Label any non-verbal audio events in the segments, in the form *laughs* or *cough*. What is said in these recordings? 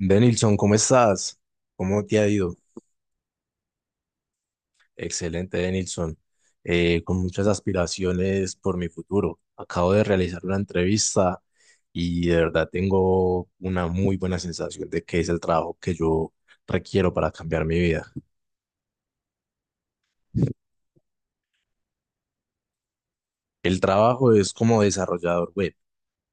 Denilson, ¿cómo estás? ¿Cómo te ha ido? Excelente, Denilson. Con muchas aspiraciones por mi futuro. Acabo de realizar una entrevista y de verdad tengo una muy buena sensación de que es el trabajo que yo requiero para cambiar mi vida. El trabajo es como desarrollador web.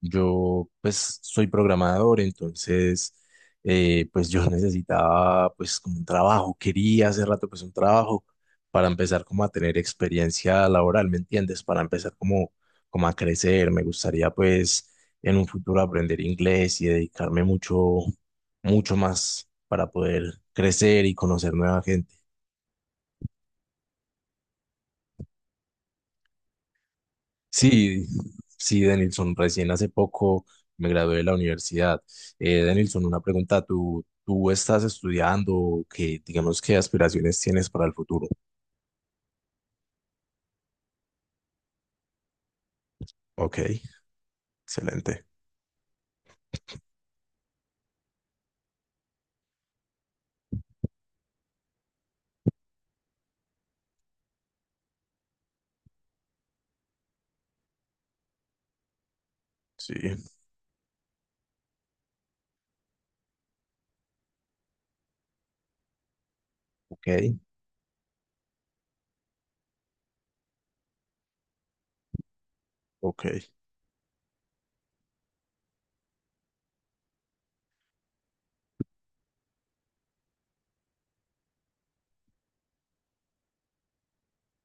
Yo pues soy programador, entonces pues yo *laughs* necesitaba pues como un trabajo, quería hace rato pues un trabajo para empezar como a tener experiencia laboral, ¿me entiendes? Para empezar como, como a crecer, me gustaría pues en un futuro aprender inglés y dedicarme mucho, mucho más para poder crecer y conocer nueva gente. Sí, sí, Denilson, recién hace poco me gradué de la universidad. Denilson, una pregunta, ¿Tú estás estudiando? ¿Qué, digamos, qué aspiraciones tienes para el futuro? Ok, excelente. Sí, ok, ok.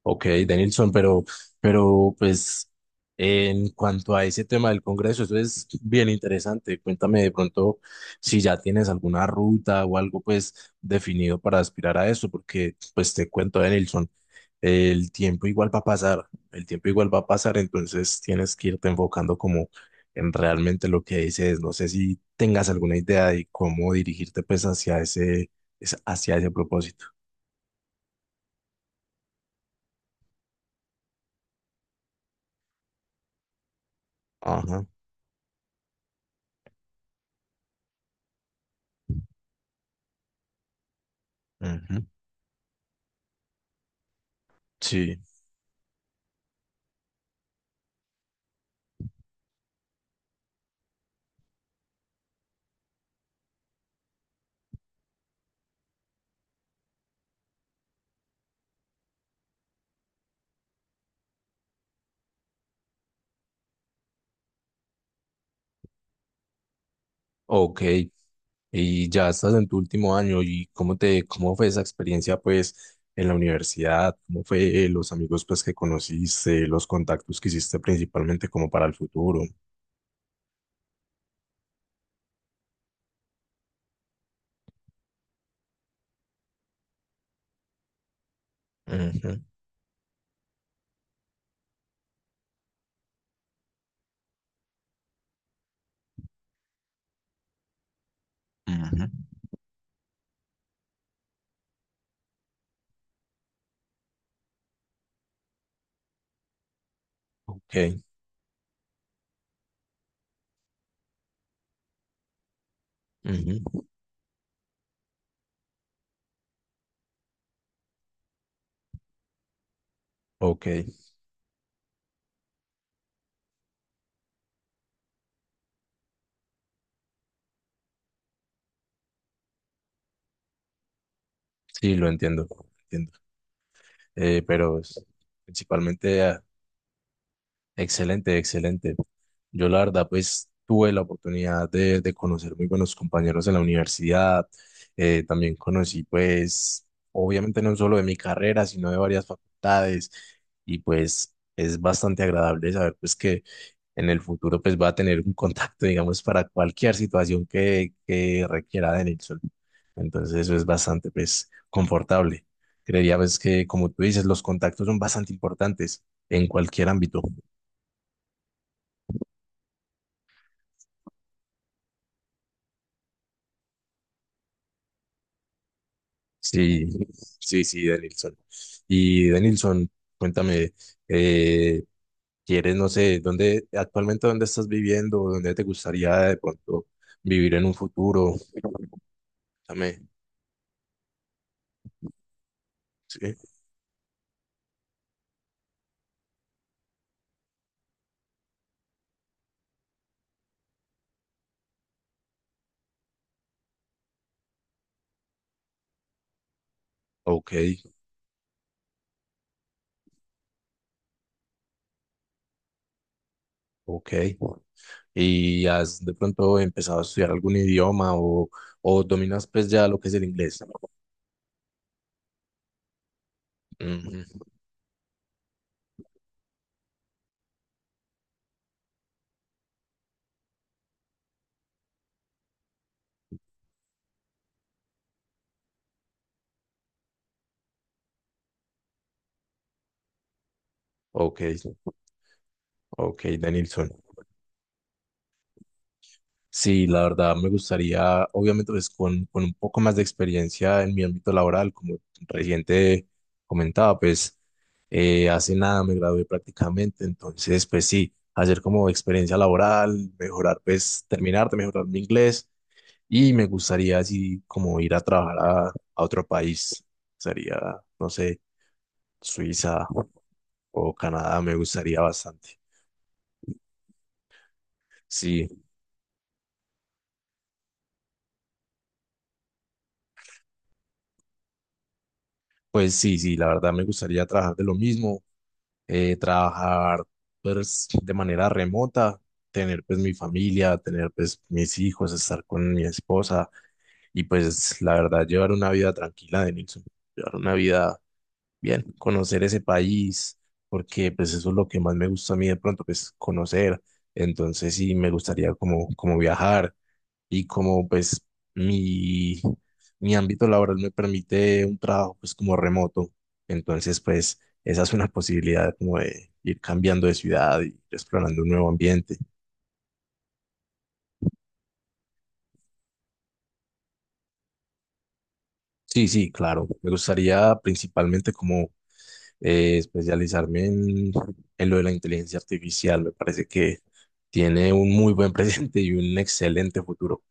Ok, Denilson, pero pues en cuanto a ese tema del Congreso, eso es bien interesante. Cuéntame de pronto si ya tienes alguna ruta o algo pues definido para aspirar a eso, porque pues te cuento, Denilson. El tiempo igual va a pasar, el tiempo igual va a pasar, entonces tienes que irte enfocando como en realmente lo que dices. No sé si tengas alguna idea de cómo dirigirte pues hacia ese, hacia ese propósito. Ajá, ujú, sí, ok. Y ya estás en tu último año y cómo fue esa experiencia pues en la universidad, cómo fue los amigos pues que conociste, los contactos que hiciste principalmente como para el futuro. Ujú, ujú, ok. Ujú. Ok, sí, lo entiendo, lo entiendo. Pero pues, principalmente, ah, excelente, excelente. Yo la verdad, pues tuve la oportunidad de conocer muy buenos compañeros en la universidad. También conocí, pues, obviamente no solo de mi carrera, sino de varias facultades. Y pues es bastante agradable saber, pues, que en el futuro, pues, va a tener un contacto, digamos, para cualquier situación que requiera de Nilsson. Entonces eso es bastante, pues, confortable. Creería, pues, que como tú dices, los contactos son bastante importantes en cualquier ámbito. Sí, sí, sí, Denilson. Y Denilson, cuéntame, eh, ¿quieres, no sé, actualmente dónde estás viviendo, dónde te gustaría de pronto vivir en un futuro? Cuéntame, sí, ok, ok. ¿Y has de pronto empezado a estudiar algún idioma o dominas, pues, ya lo que es el inglés? Ujú, ok. Ok, Danielson. Sí, la verdad me gustaría, obviamente, pues con un poco más de experiencia en mi ámbito laboral, como reciente comentaba, pues hace nada me gradué prácticamente, entonces, pues sí, hacer como experiencia laboral, mejorar, pues terminar de mejorar mi inglés y me gustaría así como ir a trabajar a otro país, sería, no sé, Suiza o Canadá, me gustaría bastante. Sí, pues sí, sí, la verdad me gustaría trabajar de lo mismo trabajar pues de manera remota, tener pues mi familia, tener pues mis hijos, estar con mi esposa y pues la verdad llevar una vida tranquila de Nilsson, llevar una vida bien, conocer ese país, porque pues eso es lo que más me gusta a mí de pronto, pues conocer. Entonces sí, me gustaría como, como viajar, y como pues mi, mi ámbito laboral me permite un trabajo pues como remoto, entonces pues esa es una posibilidad como de ir cambiando de ciudad y explorando un nuevo ambiente. Sí, sí, claro, me gustaría principalmente como especializarme en lo de la inteligencia artificial, me parece que tiene un muy buen *laughs* presente y un excelente futuro.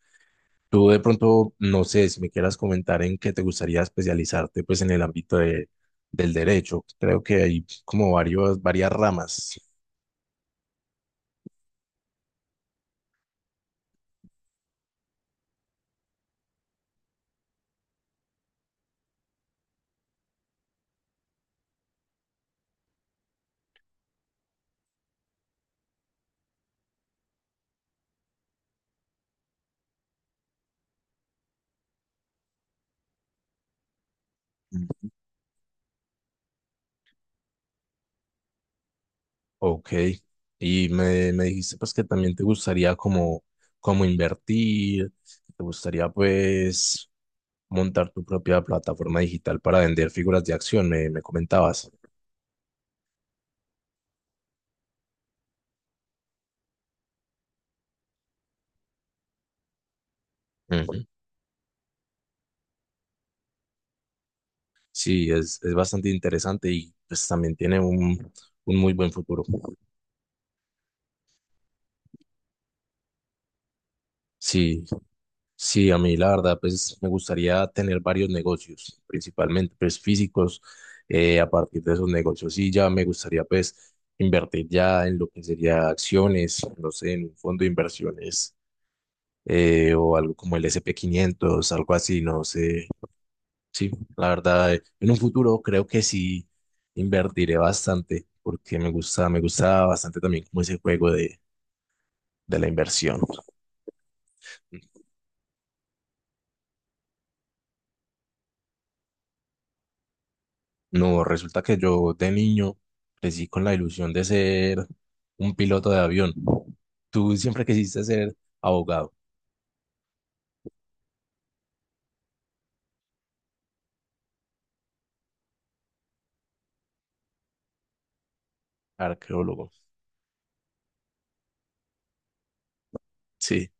Tú de pronto, no sé si me quieras comentar en qué te gustaría especializarte, pues en el ámbito del derecho. Creo que hay como varias ramas. Ok, y me dijiste pues que también te gustaría como invertir, te gustaría pues montar tu propia plataforma digital para vender figuras de acción, me comentabas. Ujú. Sí, es bastante interesante y pues también tiene un muy buen futuro. Sí, sí, a mí la verdad, pues me gustaría tener varios negocios, principalmente pues físicos. A partir de esos negocios, sí, ya me gustaría pues invertir ya en lo que sería acciones, no sé, en un fondo de inversiones o algo como el S&P 500, algo así, no sé. Sí, la verdad, en un futuro creo que sí invertiré bastante porque me gusta bastante también como ese juego de la inversión. No, resulta que yo de niño crecí con la ilusión de ser un piloto de avión. Tú siempre quisiste ser abogado, arqueólogo. Sí.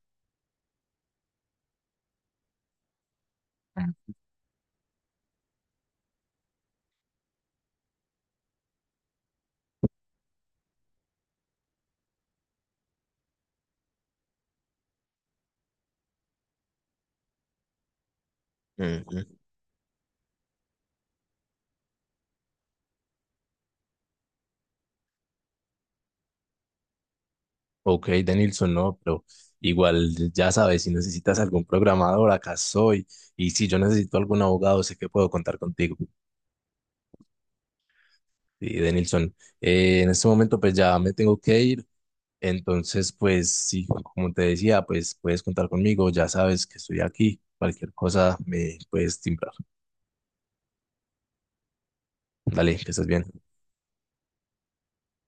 Ujú. Ok, Denilson, no, pero igual ya sabes, si necesitas algún programador, acá soy. Y si yo necesito algún abogado, sé que puedo contar contigo. Sí, Denilson, en este momento pues ya me tengo que ir. Entonces, pues sí, como te decía, pues puedes contar conmigo, ya sabes que estoy aquí, cualquier cosa me puedes timbrar. Dale, que estés bien.